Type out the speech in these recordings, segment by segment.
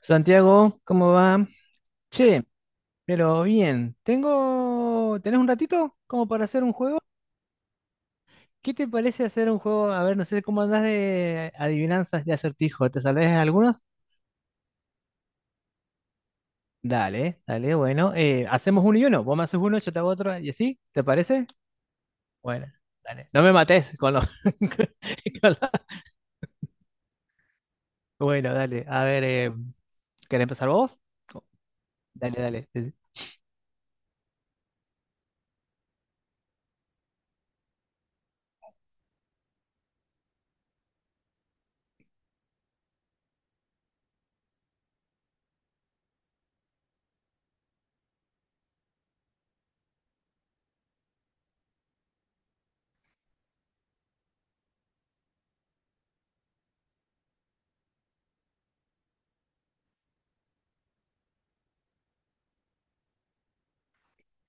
Santiago, ¿cómo va? Che, pero bien, ¿Tenés un ratito como para hacer un juego? ¿Qué te parece hacer un juego? A ver, no sé cómo andás de adivinanzas de acertijo. ¿Te sabés algunos? Dale, dale, bueno. Hacemos uno y uno. Vos me haces uno, yo te hago otro y así. ¿Te parece? Bueno, dale. No me mates con la- Bueno, dale. A ver, ¿querés empezar vos? Dale, dale. Sí, sí.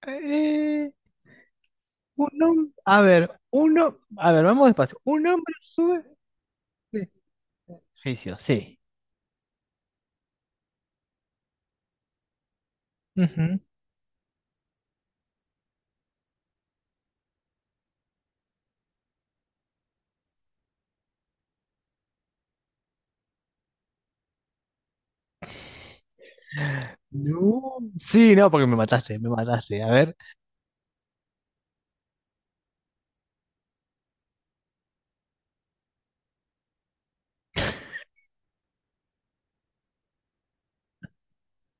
Eh, A ver, uno... A ver, vamos despacio. Un hombre sube... Sí. Juicio, sí. Ujú. No, sí, no, porque me mataste, me mataste. A ver,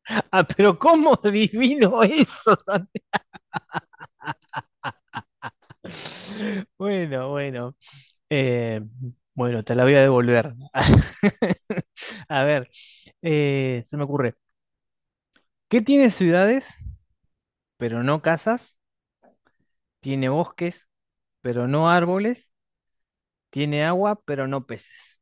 ah, pero ¿cómo adivino eso? Santi? Bueno, bueno, eh, bueno, te la voy a devolver. A ver, se me ocurre, ¿qué tiene ciudades, pero no casas? Tiene bosques, pero no árboles. Tiene agua, pero no peces.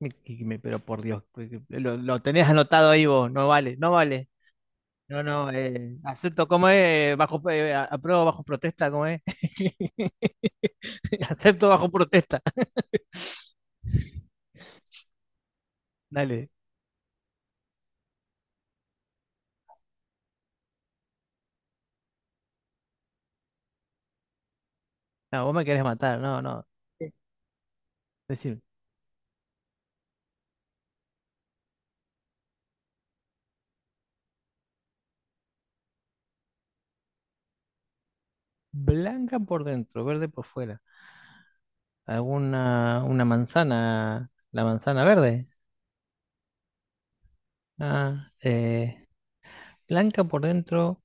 Y- Pero por Dios, pues, lo tenés anotado ahí vos, no vale, no vale. No, no, acepto, ¿cómo es? Apruebo bajo protesta, ¿cómo es? Acepto bajo protesta. Dale, no, vos me querés matar, no, no. Es decir, blanca por dentro, verde por fuera. ¿Alguna una manzana? ¿La manzana verde? Ah, blanca por dentro,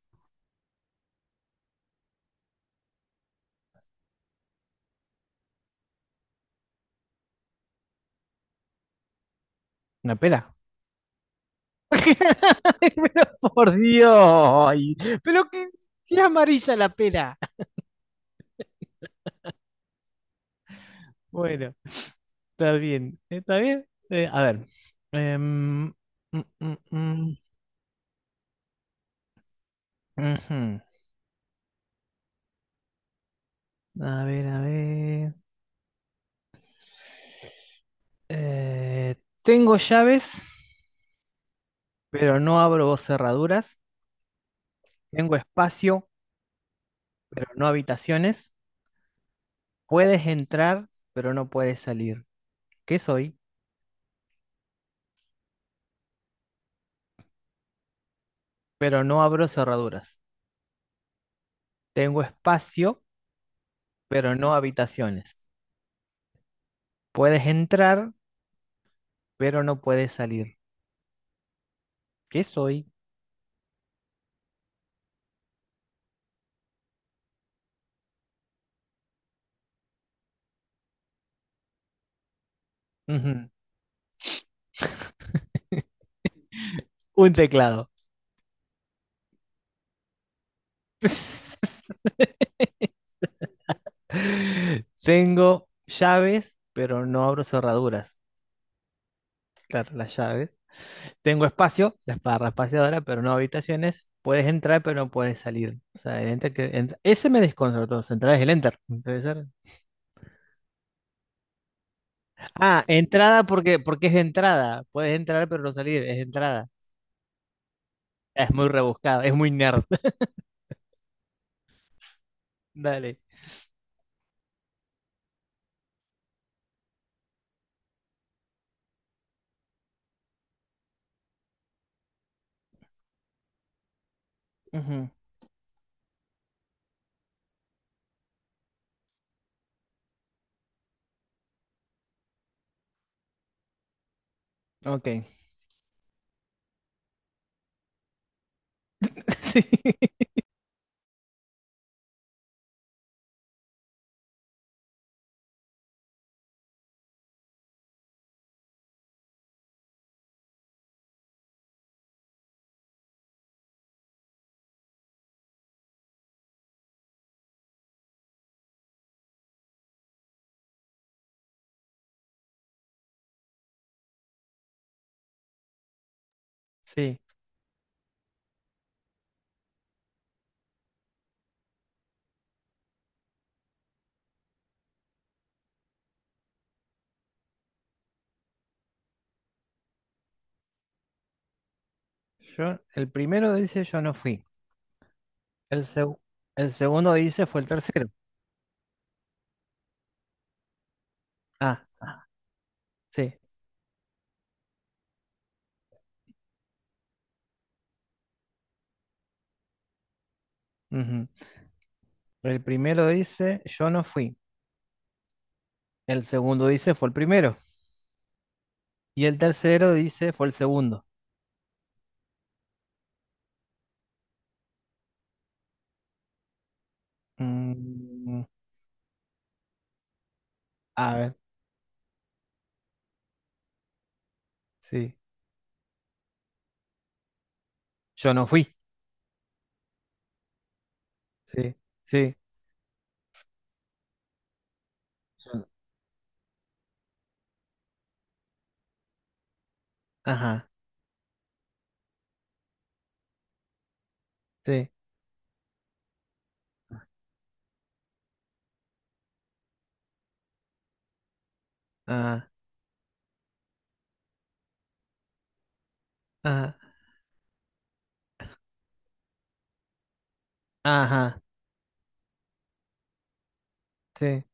una pera. Ay, pero por Dios, ay, pero que es amarilla la pera. Bueno. Está bien, está bien. A ver. em, mm, mm, mm, Ujú. A ver, a ver. Eh, Tengo llaves, pero no abro cerraduras. Tengo espacio, pero no habitaciones. Puedes entrar, pero no puedes salir. ¿Qué soy? Pero no abro cerraduras. Tengo espacio, pero no habitaciones. Puedes entrar, pero no puedes salir. ¿Qué soy? Ujú. Un teclado. Tengo llaves, pero no abro cerraduras. Claro, las llaves. Tengo espacio, la barra espaciadora, pero no habitaciones. Puedes entrar, pero no puedes salir. O sea, el enter. Ese me desconcertó. Entrar es el enter. Puede ser. Ah, entrada porque, es entrada. Puedes entrar, pero no salir. Es entrada. Es muy rebuscado, es muy nerd. Dale. Ujú. Ok. Sí. Sí. El primero dice yo no fui. El, seg- el segundo dice fue el tercero. Ah, sí. Ujú. El primero dice, yo no fui. El segundo dice, fue el primero. Y el tercero dice, fue el segundo. Mm, a ver, sí. Yo no fui. Sí, sí. yo no- Ajá, sí. Ajá, ajá, ajá, sí.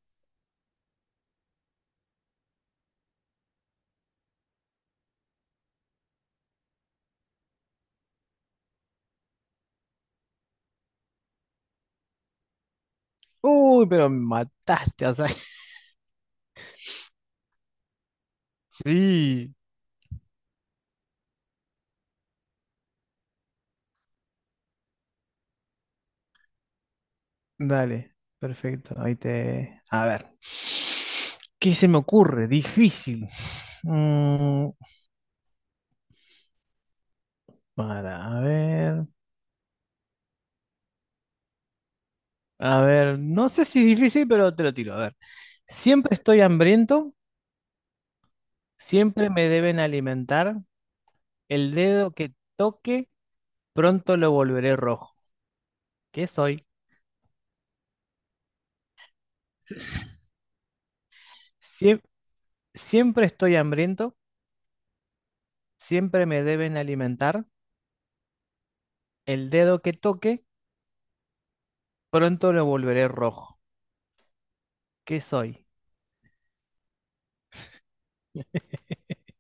Uy, pero me mataste, o sea. Sí. Dale, perfecto. A ver. ¿Qué se me ocurre? Difícil. Mm, para, a ver. A ver, no sé si es difícil, pero te lo tiro. A ver, siempre estoy hambriento, siempre me deben alimentar. El dedo que toque, pronto lo volveré rojo. ¿Qué soy? Siem- siempre estoy hambriento, siempre me deben alimentar. El dedo que toque, pronto lo volveré rojo. ¿Qué soy?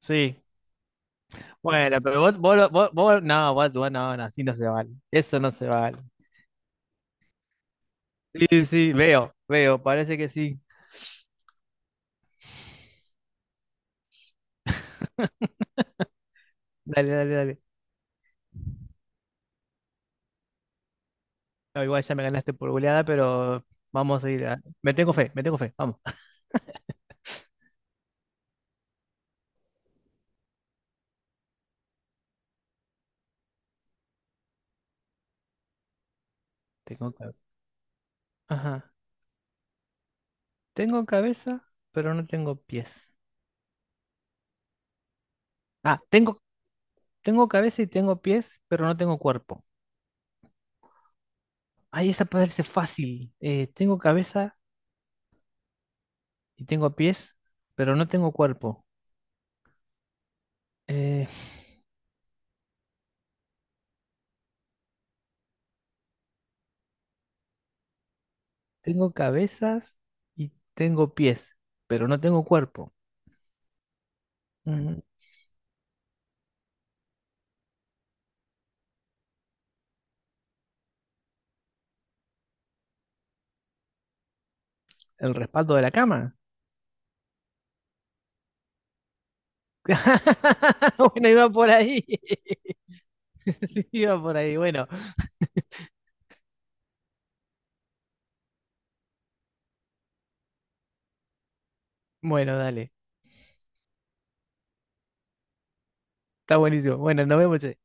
Sí. Bueno, pero vos, vos, lo- vos, vos- no, vos no, no, así no se vale. Eso no se vale. Sí, sí, veo, veo, parece que sí. Dale, dale, dale. No, igual ya me ganaste por goleada, pero vamos a ir a... me tengo fe, vamos. Tengo cabeza. Ajá. Tengo cabeza, pero no tengo pies. Ah, tengo cabeza y tengo pies, pero no tengo cuerpo. Ay, esa parece fácil. Tengo cabeza y tengo pies, pero no tengo cuerpo. Eh, Tengo cabezas y tengo pies, pero no tengo cuerpo. Mm, ¿El respaldo de la cama? Bueno, iba por ahí. Sí, iba por ahí. Bueno, bueno, dale. Está buenísimo. Bueno, nos vemos, che.